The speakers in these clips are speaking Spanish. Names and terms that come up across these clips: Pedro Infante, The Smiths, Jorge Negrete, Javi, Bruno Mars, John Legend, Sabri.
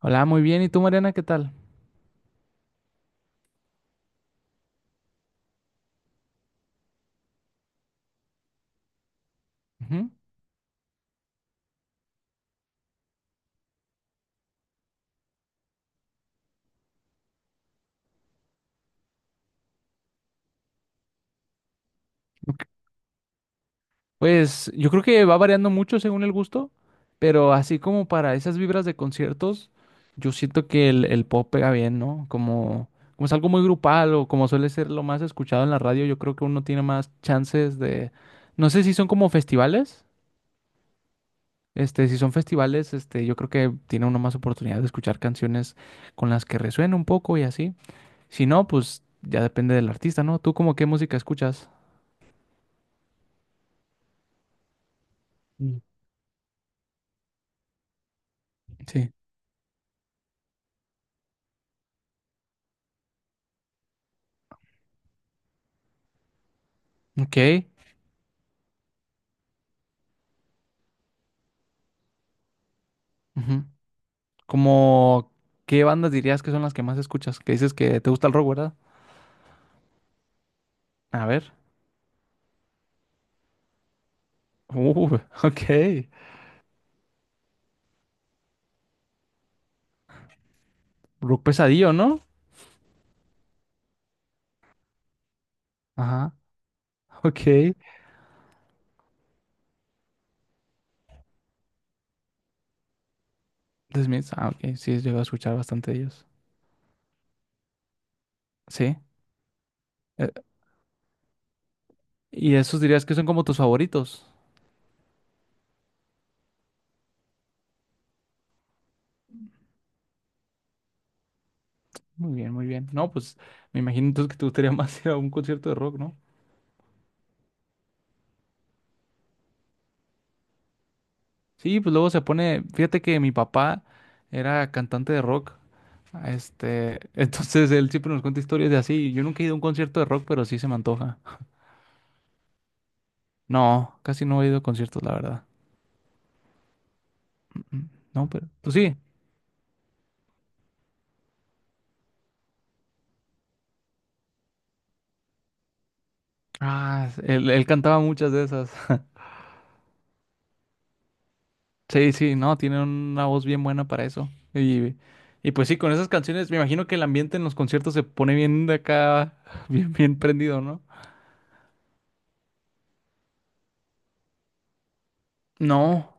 Hola, muy bien. ¿Y tú, Mariana, qué tal? Ujú. Pues yo creo que va variando mucho según el gusto, pero así como para esas vibras de conciertos, yo siento que el pop pega bien, ¿no? Como es algo muy grupal o como suele ser lo más escuchado en la radio, yo creo que uno tiene más chances de... No sé si son como festivales. Este, si son festivales, este, yo creo que tiene uno más oportunidad de escuchar canciones con las que resuena un poco y así. Si no, pues ya depende del artista, ¿no? ¿Tú como qué música escuchas? Mm. Sí. Ok. Ujú. Como, ¿qué bandas dirías que son las que más escuchas? Que dices que te gusta el rock, ¿verdad? A ver. Ok. Rock pesadillo, ¿no? Ajá. Ok. The Smiths. Ah, ok. Sí, llego a escuchar bastante de ellos. Sí. Eh, y esos dirías que son como tus favoritos. Muy bien, muy bien. No, pues me imagino entonces que te gustaría más ir a un concierto de rock, ¿no? Sí, pues luego se pone, fíjate que mi papá era cantante de rock, este, entonces él siempre nos cuenta historias de así. Yo nunca he ido a un concierto de rock, pero sí se me antoja. No, casi no he ido a conciertos, la verdad. Mm. No, pero, pues sí. Ah, él cantaba muchas de esas. Sí, sí, no, tiene una voz bien buena para eso. Y, y pues sí, con esas canciones, me imagino que el ambiente en los conciertos se pone bien de acá, bien, bien prendido, ¿no? No.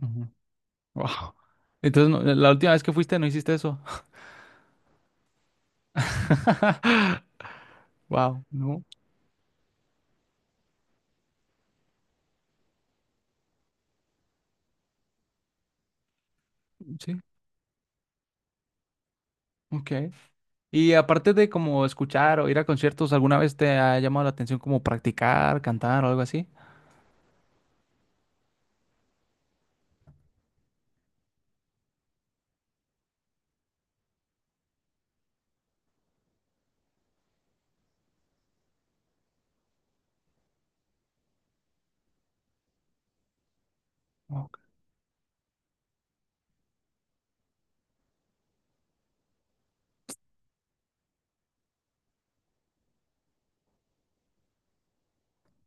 Ujú. Wow. Entonces, la última vez que fuiste no hiciste eso. Wow, no, sí, ok. Y aparte de como escuchar o ir a conciertos, ¿alguna vez te ha llamado la atención como practicar, cantar o algo así?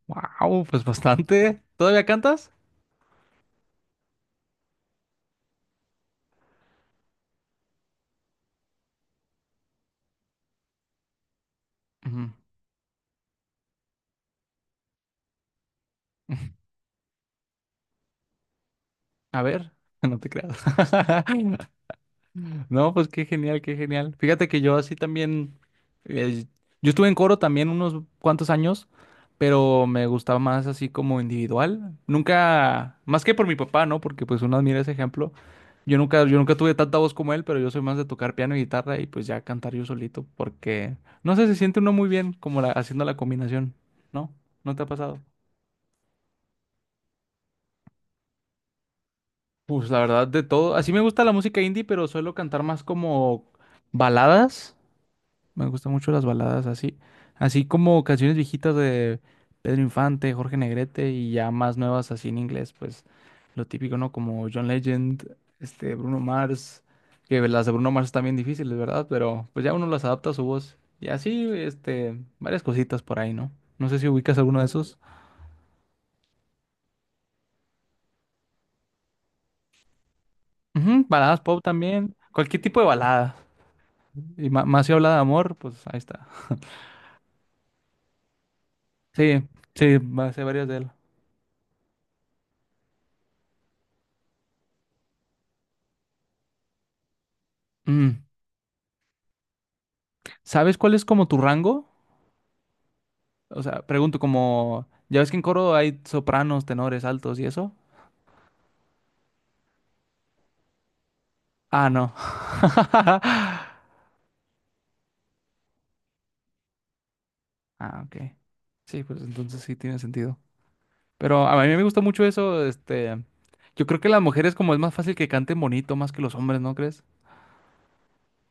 Wow, pues bastante. ¿Todavía cantas? Ujú. A ver, no te creas. No, pues qué genial, qué genial. Fíjate que yo así también, eh, yo estuve en coro también unos cuantos años, pero me gustaba más así como individual. Nunca, más que por mi papá, ¿no? Porque pues uno admira ese ejemplo. Yo nunca tuve tanta voz como él, pero yo soy más de tocar piano y guitarra y pues ya cantar yo solito, porque no sé, se siente uno muy bien como haciendo la combinación, ¿no? ¿No te ha pasado? Pues la verdad de todo, así me gusta la música indie, pero suelo cantar más como baladas. Me gustan mucho las baladas así, así como canciones viejitas de Pedro Infante, Jorge Negrete y ya más nuevas así en inglés, pues lo típico, ¿no? Como John Legend, este Bruno Mars, que las de Bruno Mars están bien difíciles, ¿verdad? Pero pues ya uno las adapta a su voz y así, este, varias cositas por ahí, ¿no? No sé si ubicas alguno de esos. Ujú, baladas pop también, cualquier tipo de balada. Y más si habla de amor, pues ahí está. Sí, sí, va a ser varias de él. Mm. ¿Sabes cuál es como tu rango? O sea, pregunto como, ¿ya ves que en coro hay sopranos, tenores, altos y eso? Ah, no. Ah, ok. Sí, pues entonces sí tiene sentido. Pero a mí me gusta mucho eso, este, yo creo que las mujeres como es más fácil que canten bonito más que los hombres, ¿no crees?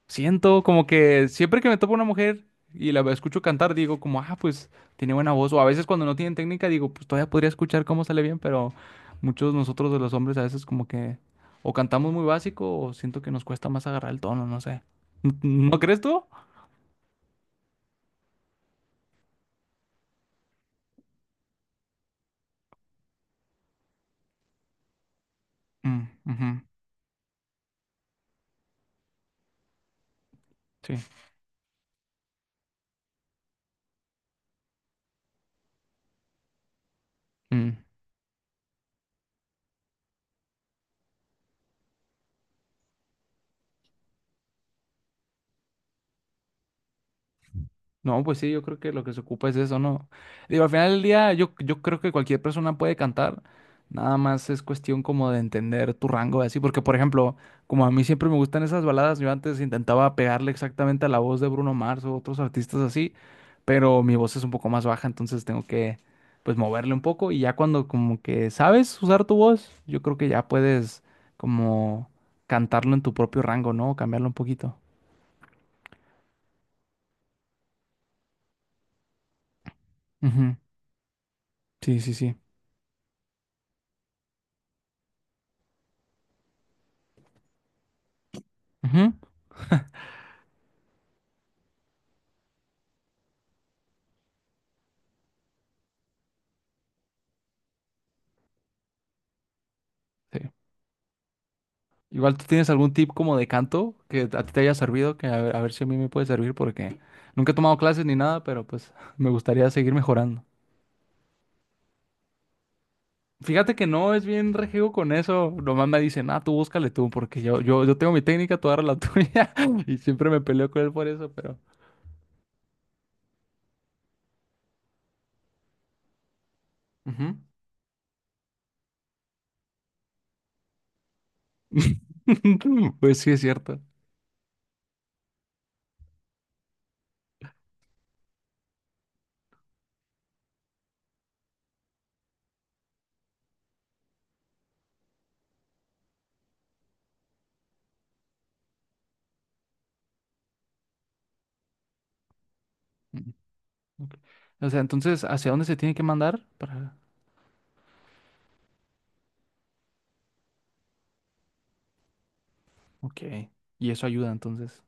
Siento como que siempre que me topo una mujer y la escucho cantar, digo como, ah, pues tiene buena voz. O a veces cuando no tienen técnica, digo, pues todavía podría escuchar cómo sale bien, pero muchos de nosotros de los hombres a veces como que o cantamos muy básico o siento que nos cuesta más agarrar el tono, no sé. ¿No crees tú? Mm, ujú, sí. Mm. No, pues sí, yo creo que lo que se ocupa es eso, ¿no? Digo, al final del día, yo creo que cualquier persona puede cantar, nada más es cuestión como de entender tu rango, así, porque por ejemplo, como a mí siempre me gustan esas baladas, yo antes intentaba pegarle exactamente a la voz de Bruno Mars o otros artistas así, pero mi voz es un poco más baja, entonces tengo que, pues, moverle un poco y ya cuando como que sabes usar tu voz, yo creo que ya puedes como cantarlo en tu propio rango, ¿no? Cambiarlo un poquito. Ujú, sí, sí, sí. Ujú, sí. Igual tú tienes algún tip como de canto que a ti te haya servido, que a ver si a mí me puede servir porque nunca he tomado clases ni nada, pero pues me gustaría seguir mejorando. Fíjate que no es bien rejego con eso. Nomás me dicen, ah, tú búscale tú, porque yo, yo tengo mi técnica, tú agarra la tuya. Y siempre me peleo con él por eso, pero. Ujú. Pues sí, es cierto. Mm, ok. O sea, entonces, ¿hacia dónde se tiene que mandar? Para... Ok. Y eso ayuda, entonces.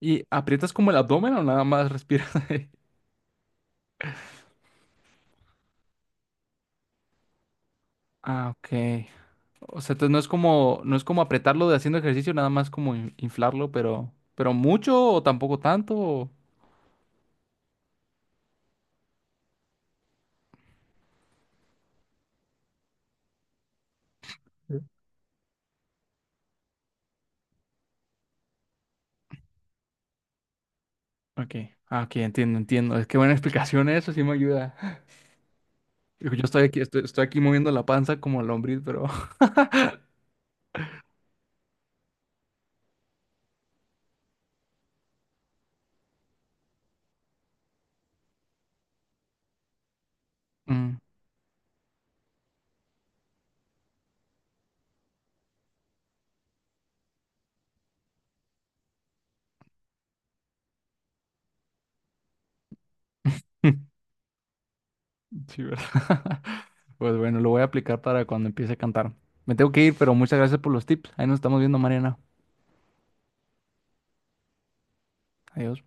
¿Y aprietas como el abdomen o nada más respiras ahí? Ah, ok. O sea, entonces no es como, no es como apretarlo de haciendo ejercicio, nada más como inflarlo, pero mucho o tampoco tanto. Ok, ah, ok, entiendo, entiendo. Es que buena explicación eso, sí me ayuda. Yo estoy aquí, estoy aquí moviendo la panza como lombriz, pero. Mm. Sí, ¿verdad? Pues bueno, lo voy a aplicar para cuando empiece a cantar. Me tengo que ir, pero muchas gracias por los tips. Ahí nos estamos viendo, Mariana. Adiós.